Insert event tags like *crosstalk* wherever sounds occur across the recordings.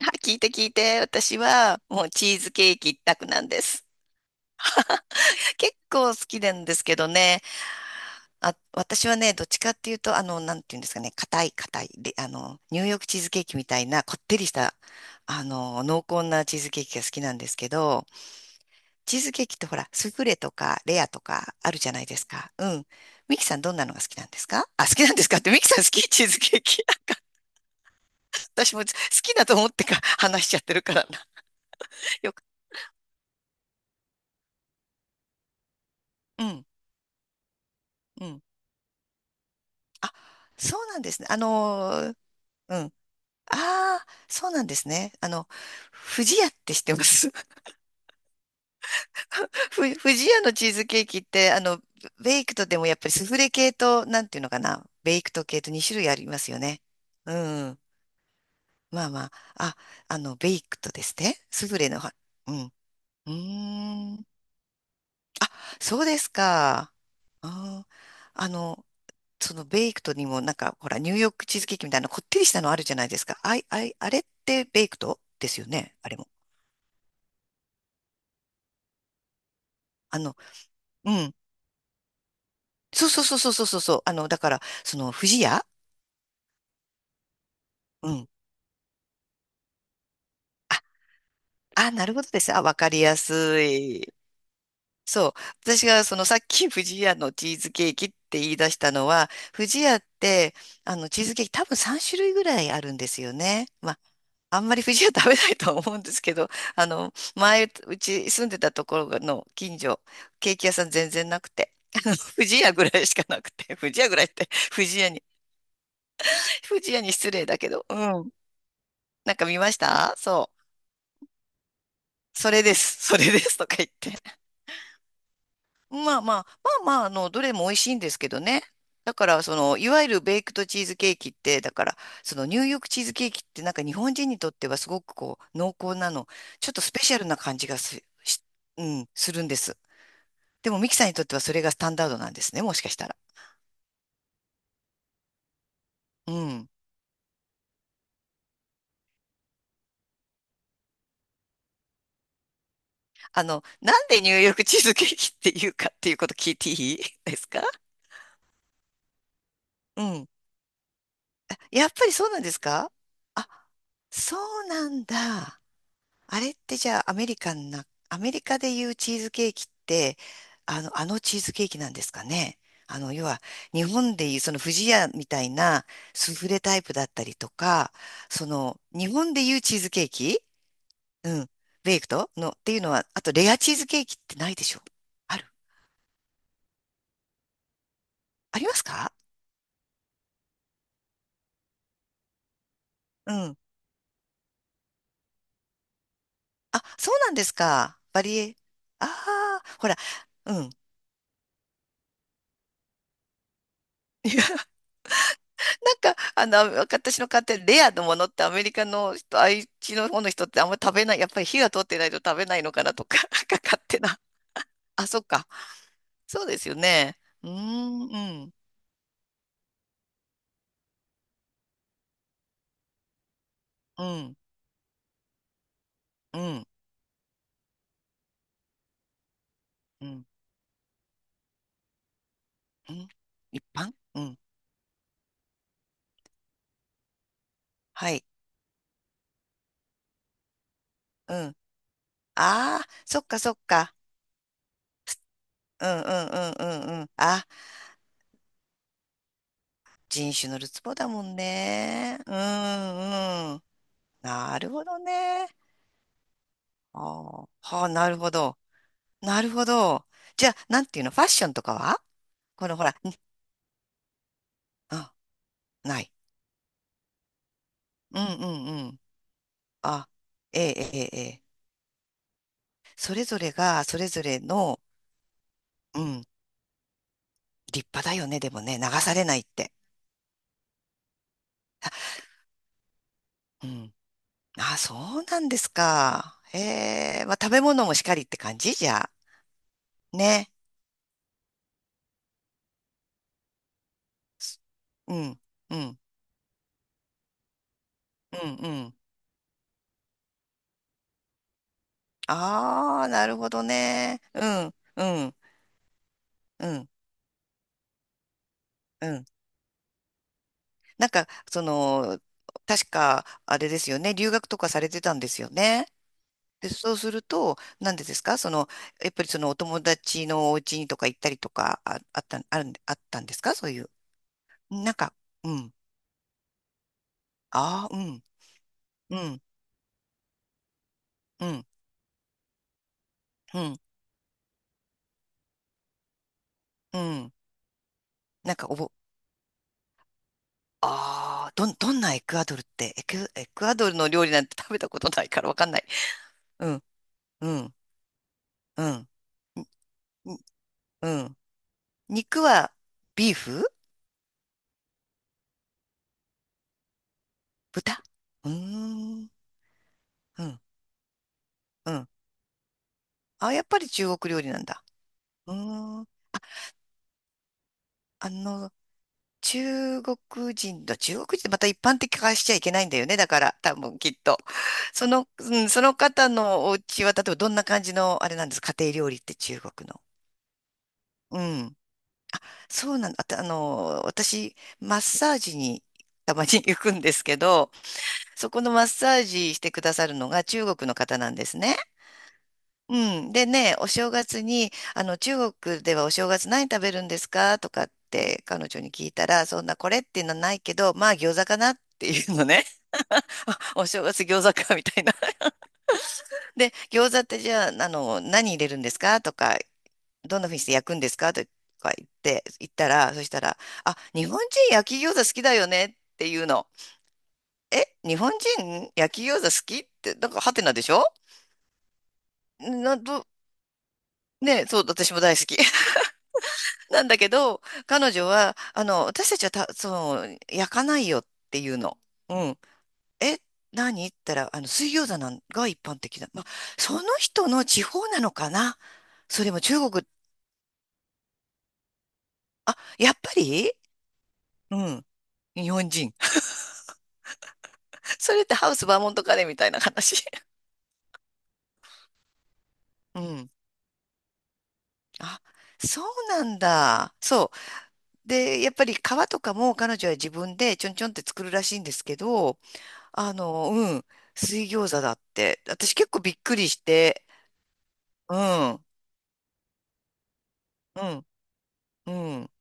はい、聞いて聞いて。私はもうチーズケーキ一択なんです。*laughs* 結構好きなんですけどね。あ、私はね、どっちかっていうと、なんていうんですかね、硬い硬い。で、ニューヨークチーズケーキみたいなこってりした、濃厚なチーズケーキが好きなんですけど、チーズケーキってほら、スフレとかレアとかあるじゃないですか。うん。ミキさんどんなのが好きなんですかあ、好きなんですかって、ミキさん好きチーズケーキ？*laughs* 私も好きだと思ってか話しちゃってるからな。*laughs* よく。うん。うんあ、そうなんですね。うん。ああ、そうなんですね。不二家って知ってます？ *laughs* 不二家のチーズケーキって、ベイクトでもやっぱりスフレ系と、なんていうのかな、ベイクト系と2種類ありますよね。うん。まあまあ、あ、ベイクトですね。スフレのは、うん。うーん。そうですか。あー、あの、そのベイクトにもなんか、ほら、ニューヨークチーズケーキみたいなこってりしたのあるじゃないですか。あい、あい、あれってベイクトですよね。あれも。あの、うん。そうそうそうそうそうそうそう。だから、その、不二家、うん。あ、あ、なるほどです。あ、わかりやすい。そう。私がそのさっき不二家のチーズケーキって言い出したのは、不二家って、チーズケーキ多分3種類ぐらいあるんですよね。まあ、あんまり藤は食べないと思うんですけど、*laughs* 前、うち住んでたところの近所、ケーキ屋さん全然なくて、*laughs* あの藤屋ぐらいしかなくて、*laughs* 藤屋ぐらいって、藤屋に失礼だけど、うん。なんか見ましたそう。それです。それですとか言って。まあまあ、まあまあ、どれも美味しいんですけどね。だから、その、いわゆるベイクドチーズケーキって、だから、その、ニューヨークチーズケーキって、なんか日本人にとってはすごくこう、濃厚なの、ちょっとスペシャルな感じがうん、するんです。でも、ミキさんにとってはそれがスタンダードなんですね、もしかしたら。うん。なんでニューヨークチーズケーキっていうかっていうこと聞いていいですか？うん。やっぱりそうなんですか？あ、そうなんだ。あれってじゃあアメリカンな、アメリカでいうチーズケーキって、あのチーズケーキなんですかね。要は、日本でいうその不二家みたいなスフレタイプだったりとか、その、日本でいうチーズケーキ、うん。ベイクトのっていうのは、あとレアチーズケーキってないでしょ？ある？ありますか？うん。あ、そうなんですか。バリエ。ああ、ほら、うん。*laughs* なんか、私の買ってるレアのものってアメリカの人、愛知の方の人ってあんま食べない、やっぱり火が通ってないと食べないのかなとか、*laughs* なんか勝手な。あ、そっか。そうですよね。うーん、うん、うん、うん、うん、うん、一般、うん、はい、うん。ああ、そっかそっか。うん、うん、うん、うん、うん。あ、人種のるつぼだもんね。うん、うん。なるほどね。あーはあ、なるほど。なるほど。じゃあ、なんていうの、ファッションとかはこのほら、ん、あ、ない。うんうんうん。あ、ええええええ、それぞれが、それぞれの、うん、立派だよね、でもね、流されないって。うん。あ、そうなんですか。へえ、まあ、食べ物もしかりって感じじゃあ。ね。すうん、うん、うん、うん。ああ、なるほどね。うん、うん、うん、うん。なんか、その、確か、あれですよね、留学とかされてたんですよね。で、そうすると、なんでですかその、やっぱりそのお友達のお家にとか行ったりとか、あ、あった、あるん、あったんですかそういう。なんか、うん。ああ、うん、うん、うん、うん、うん。なんか、ああ、どんなエクアドルって、エクアドルの料理なんて食べたことないからわかんない。うん、うん、うん、うん。うん、肉は？ビーフ？豚？うーん。うんうん。あ、やっぱり中国料理なんだ。うーん。あの、中国中国人ってまた一般的化しちゃいけないんだよね。だから、多分きっと。その、うん、その方のお家は、例えばどんな感じの、あれなんですか、家庭料理って中国の。うん。そうなんだ。あと私、マッサージにたまに行くんですけど、そこのマッサージしてくださるのが中国の方なんですね。うん。でね、お正月に、中国ではお正月何食べるんですかとかって彼女に聞いたら、そんなこれっていうのはないけど、まあ餃子かなっていうのね。*laughs* あお正月餃子かみたいな。で、餃子ってじゃあ、何入れるんですかとか、どんな風にして焼くんですかとか言って、言ったら、そしたら、あ、日本人焼き餃子好きだよねっていうの。え、日本人焼き餃子好きって、なんかハテナでしょ？な、ど、ね、そう、私も大好き。なんだけど、彼女は、私たちはた、その、焼かないよっていうの。うん。え、何って言ったら、水餃子なんが一般的だ。まあ、その人の地方なのかな？それも中国、あ、やっぱり、うん。日本人。*laughs* それってハウスバーモントカレーみたいな話。*laughs* うん。あ、そうなんだ。そう。で、やっぱり皮とかも彼女は自分でちょんちょんって作るらしいんですけど、うん。水餃子だって。私結構びっくりして、うん、うん、うん。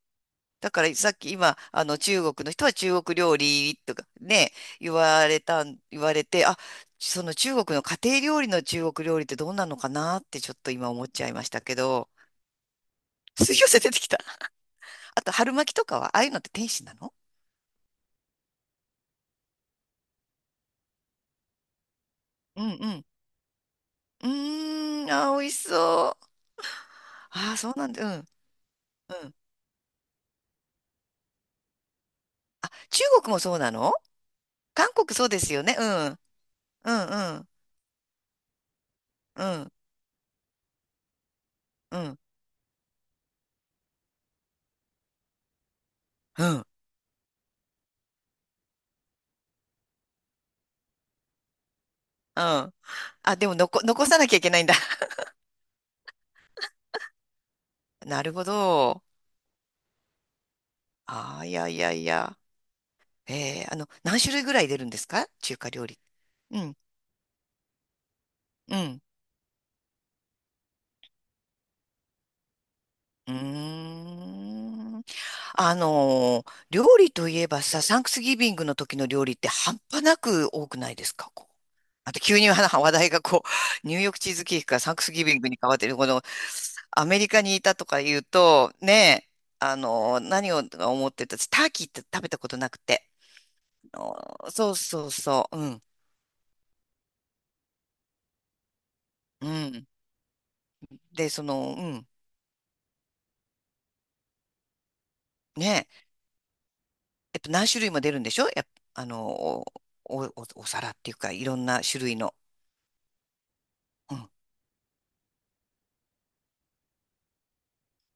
だからさっき今、あの中国の人は中国料理とかね、言われたん、言われて、あ、その中国の家庭料理の中国料理ってどうなのかなってちょっと今思っちゃいましたけど、水餃子出てきた。あと春巻きとかは、ああいうのって天使なの？うんうん。うーん、あー、美味しそう。ああ、そうなんだ。うん、うん。中国もそうなの？韓国そうですよね。うん。うん、うん、うん、うん、うん。うん、あ、でも残、残さなきゃいけないんだ。なるほど。ああ、いやいやいや。ええ、何種類ぐらい出るんですか中華料理？うん、うん。うーん。料理といえばさ、サンクスギビングの時の料理って半端なく多くないですかこう？あと急に話題がこう、*laughs* ニューヨークチーズケーキからサンクスギビングに変わってる、このアメリカにいたとか言うと、ねえ、何を思ってた、私ターキーって食べたことなくて。あのそうそうそう、うん、うん。で、その、うん、ねえ、やっぱ何種類も出るんでしょやっぱ、お、お、おお皿っていうか、いろんな種類の。うん。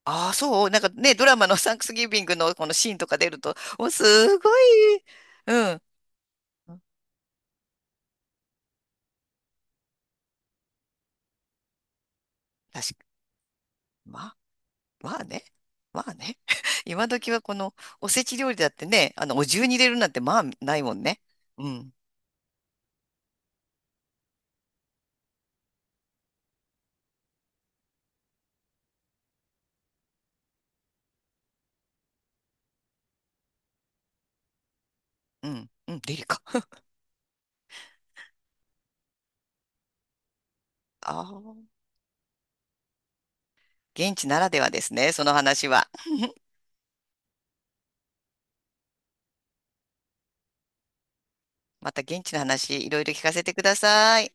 ああ、そう、なんかね、ドラマの *laughs* サンクスギビングのこのシーンとか出ると、もうすごい、うん。確か、まあ、まあね、まあね。*laughs* 今時はこのおせち料理だってね、お重に入れるなんてまあないもんね。うん、うん、うん、デリカ。*laughs* ああ、現地ならではですね、その話は。また現地の話、いろいろ聞かせてください。